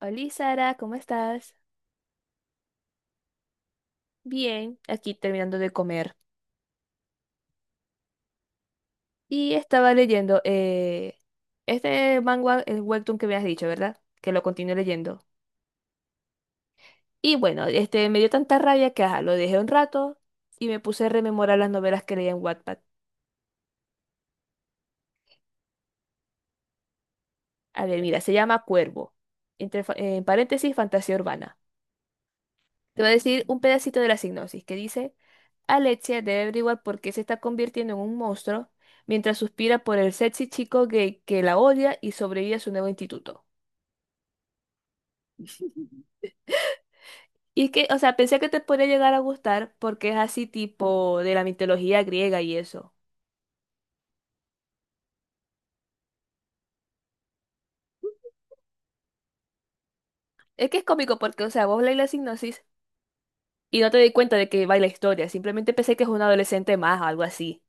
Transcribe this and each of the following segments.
Hola Sara, ¿cómo estás? Bien, aquí terminando de comer. Y estaba leyendo este manga, el webtoon que me has dicho, ¿verdad? Que lo continúo leyendo. Y bueno, este me dio tanta rabia que ajá, lo dejé un rato y me puse a rememorar las novelas que leía en Wattpad. A ver, mira, se llama Cuervo, entre, en paréntesis, fantasía urbana. Te voy a decir un pedacito de la sinopsis que dice, Alexia debe averiguar por qué se está convirtiendo en un monstruo mientras suspira por el sexy chico gay que la odia y sobrevive a su nuevo instituto. Y que, o sea, pensé que te podría llegar a gustar porque es así tipo de la mitología griega y eso. Es que es cómico porque, o sea, vos lees la sinopsis y no te di cuenta de que va la historia, simplemente pensé que es un adolescente más o algo así.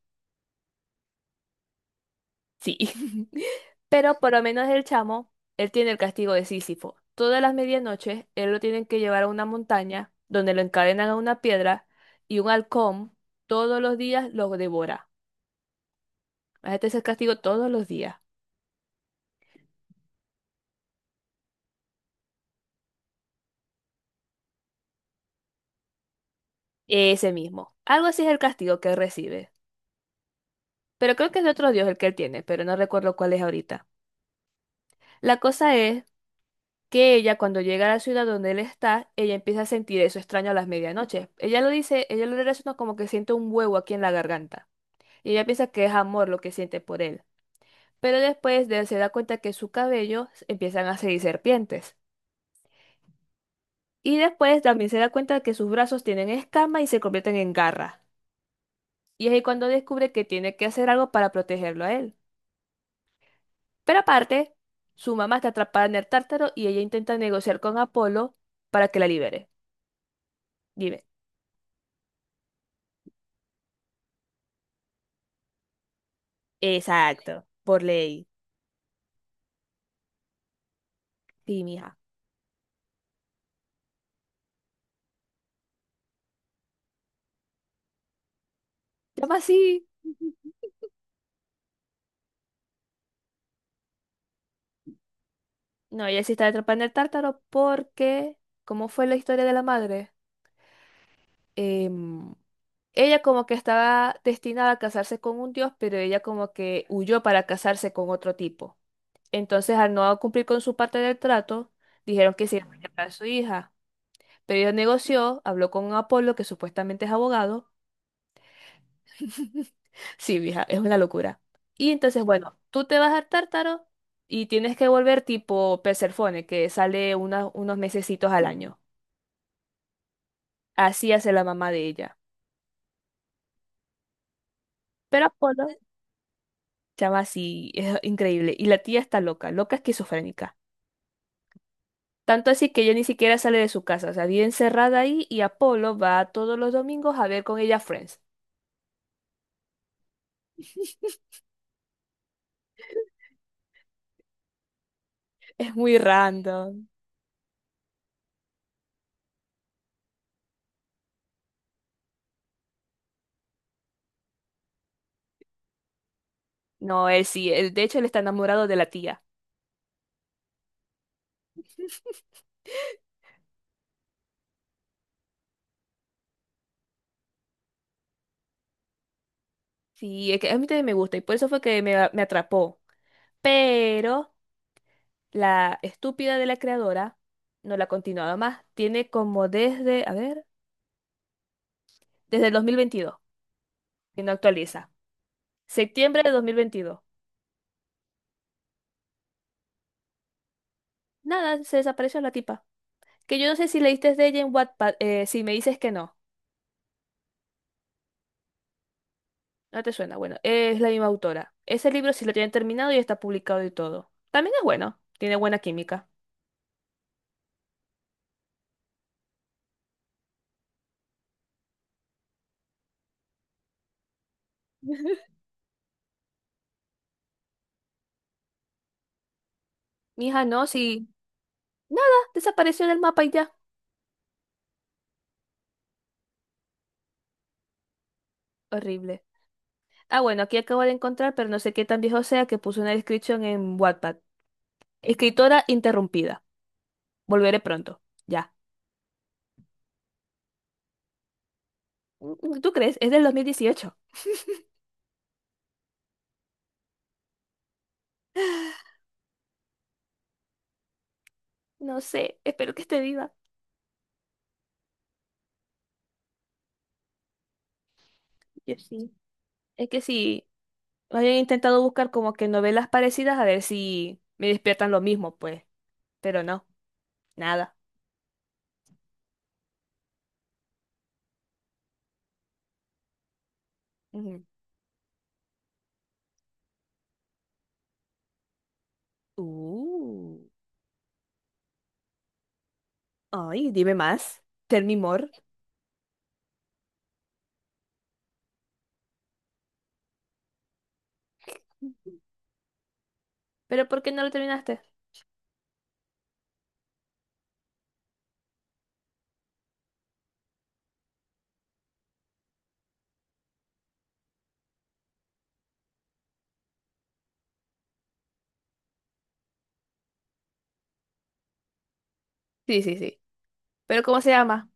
Sí. Pero por lo menos el chamo, él tiene el castigo de Sísifo. Todas las medianoches, él lo tienen que llevar a una montaña donde lo encadenan a una piedra y un halcón todos los días lo devora. Este es el castigo todos los días. Ese mismo. Algo así es el castigo que él recibe. Pero creo que es de otro dios el que él tiene, pero no recuerdo cuál es ahorita. La cosa es que ella cuando llega a la ciudad donde él está, ella empieza a sentir eso extraño a las medianoches. Ella lo dice, ella lo relaciona como que siente un huevo aquí en la garganta. Y ella piensa que es amor lo que siente por él. Pero se da cuenta que su cabello empiezan a seguir serpientes. Y después también se da cuenta que sus brazos tienen escamas y se convierten en garras. Y es ahí cuando descubre que tiene que hacer algo para protegerlo a él. Pero aparte, su mamá está atrapada en el tártaro y ella intenta negociar con Apolo para que la libere. Dime. Exacto, por ley. Sí, mija. Llama así. No, ella sí está atrapada en el tártaro porque... ¿Cómo fue la historia de la madre? Em, Ella como que estaba destinada a casarse con un dios, pero ella como que huyó para casarse con otro tipo. Entonces, al no cumplir con su parte del trato, dijeron que se iba a llevar a su hija. Pero ella negoció, habló con Apolo, que supuestamente es abogado. Sí, vieja, es una locura. Y entonces, bueno, tú te vas al Tártaro y tienes que volver tipo Perséfone, que sale unos mesecitos al año. Así hace la mamá de ella. Pero Apolo, Chama así, es increíble. Y la tía está loca, loca esquizofrénica. Tanto así que ella ni siquiera sale de su casa, o sea, vive encerrada ahí y Apolo va todos los domingos a ver con ella Friends. Es muy random. No, él sí, de hecho él está enamorado de la tía. Sí, es que a mí también me gusta y por eso fue que me atrapó. Pero la estúpida de la creadora no la ha continuado más. Tiene como desde, a ver, desde el 2022, que no actualiza. Septiembre de 2022. Nada, se desapareció la tipa. Que yo no sé si leíste de ella en Wattpad, si me dices que no, no te suena. Bueno, es la misma autora. Ese libro sí lo tienen terminado y está publicado y todo. También es bueno, tiene buena química. Mija, no, sí. Nada, desapareció del mapa y ya. Horrible. Ah, bueno, aquí acabo de encontrar, pero no sé qué tan viejo sea que puso una descripción en Wattpad. Escritora interrumpida. Volveré pronto. Ya. Mm, ¿tú crees? Es del 2018. No sé, espero que esté viva. Yo sí. Es que sí, había intentado buscar como que novelas parecidas a ver si me despiertan lo mismo, pues. Pero no, nada. Ujú. Uh, ay, dime más. Tell me more. ¿Pero por qué no lo terminaste? Sí, sí, sí. ¿Pero cómo se llama?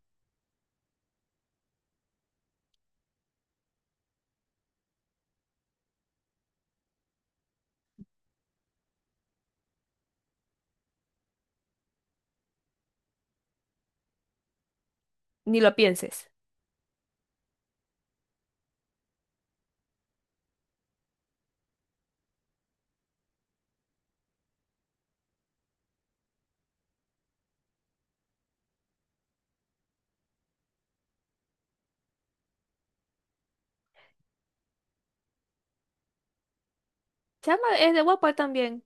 Ni lo pienses. Se llama, es de Wattpad también.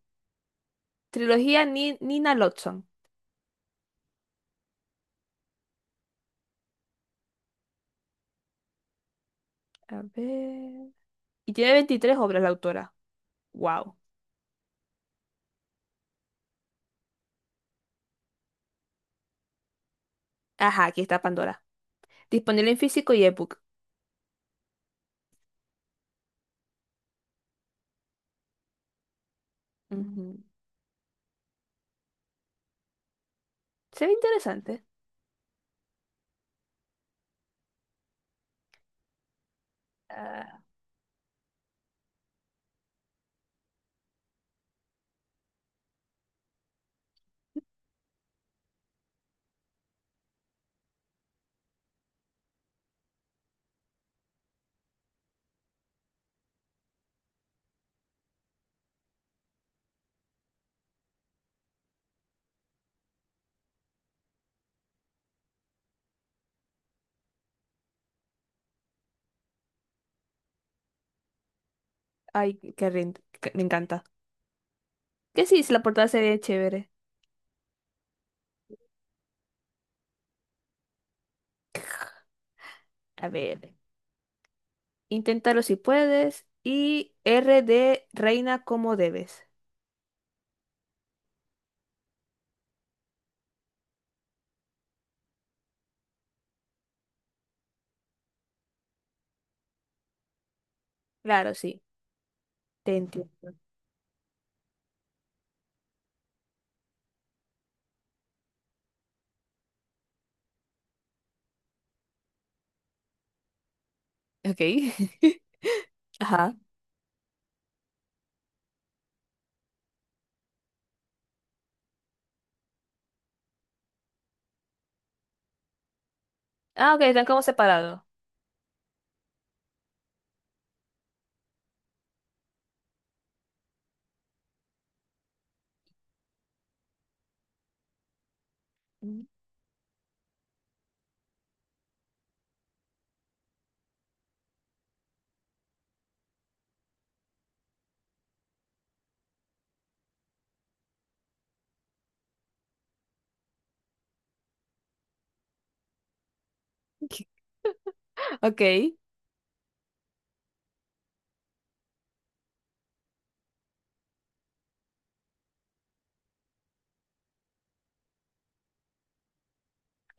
Trilogía Nina Lodson. A ver. Y tiene 23 obras la autora. Wow. Ajá, aquí está Pandora. Disponible en físico y ebook. Ujú. Se ve interesante. Ah, ay, me encanta. Que sí, si la portada se ve chévere. A ver, inténtalo si puedes. Y R de reina como debes. Claro, sí, te entiendo. Ok. Ajá. Ah, ok, están como separados. Mm. Ok.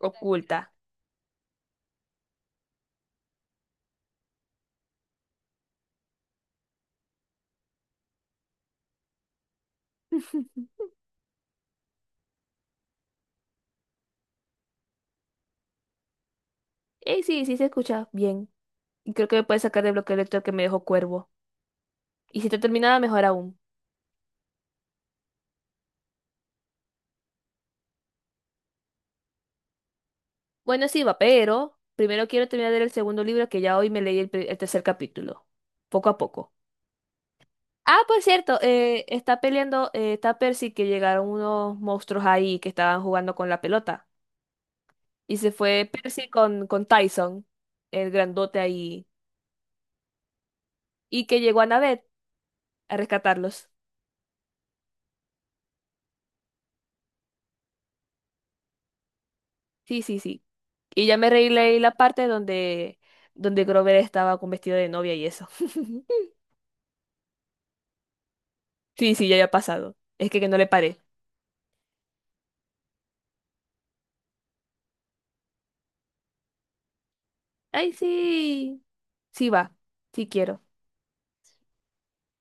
Oculta. Sí, sí se escucha bien. Y creo que me puede sacar del bloqueo de lector que me dejó Cuervo. Y si está terminada mejor aún. Bueno, sí, va, pero primero quiero terminar de leer el segundo libro que ya hoy me leí el tercer capítulo. Poco a poco. Ah, por cierto, está peleando, está Percy que llegaron unos monstruos ahí que estaban jugando con la pelota. Y se fue Percy con Tyson, el grandote ahí. Y que llegó Annabeth a rescatarlos. Sí, sí, sí. Y ya me reí leí la parte donde Grover estaba con vestido de novia y eso. Sí, sí, ya había pasado. Es que no le paré. Ay, sí. Sí va. Sí quiero.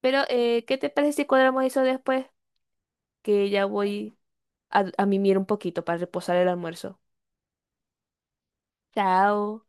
Pero, ¿qué te parece si cuadramos eso después? Que ya voy a mimir un poquito para reposar el almuerzo. Chao.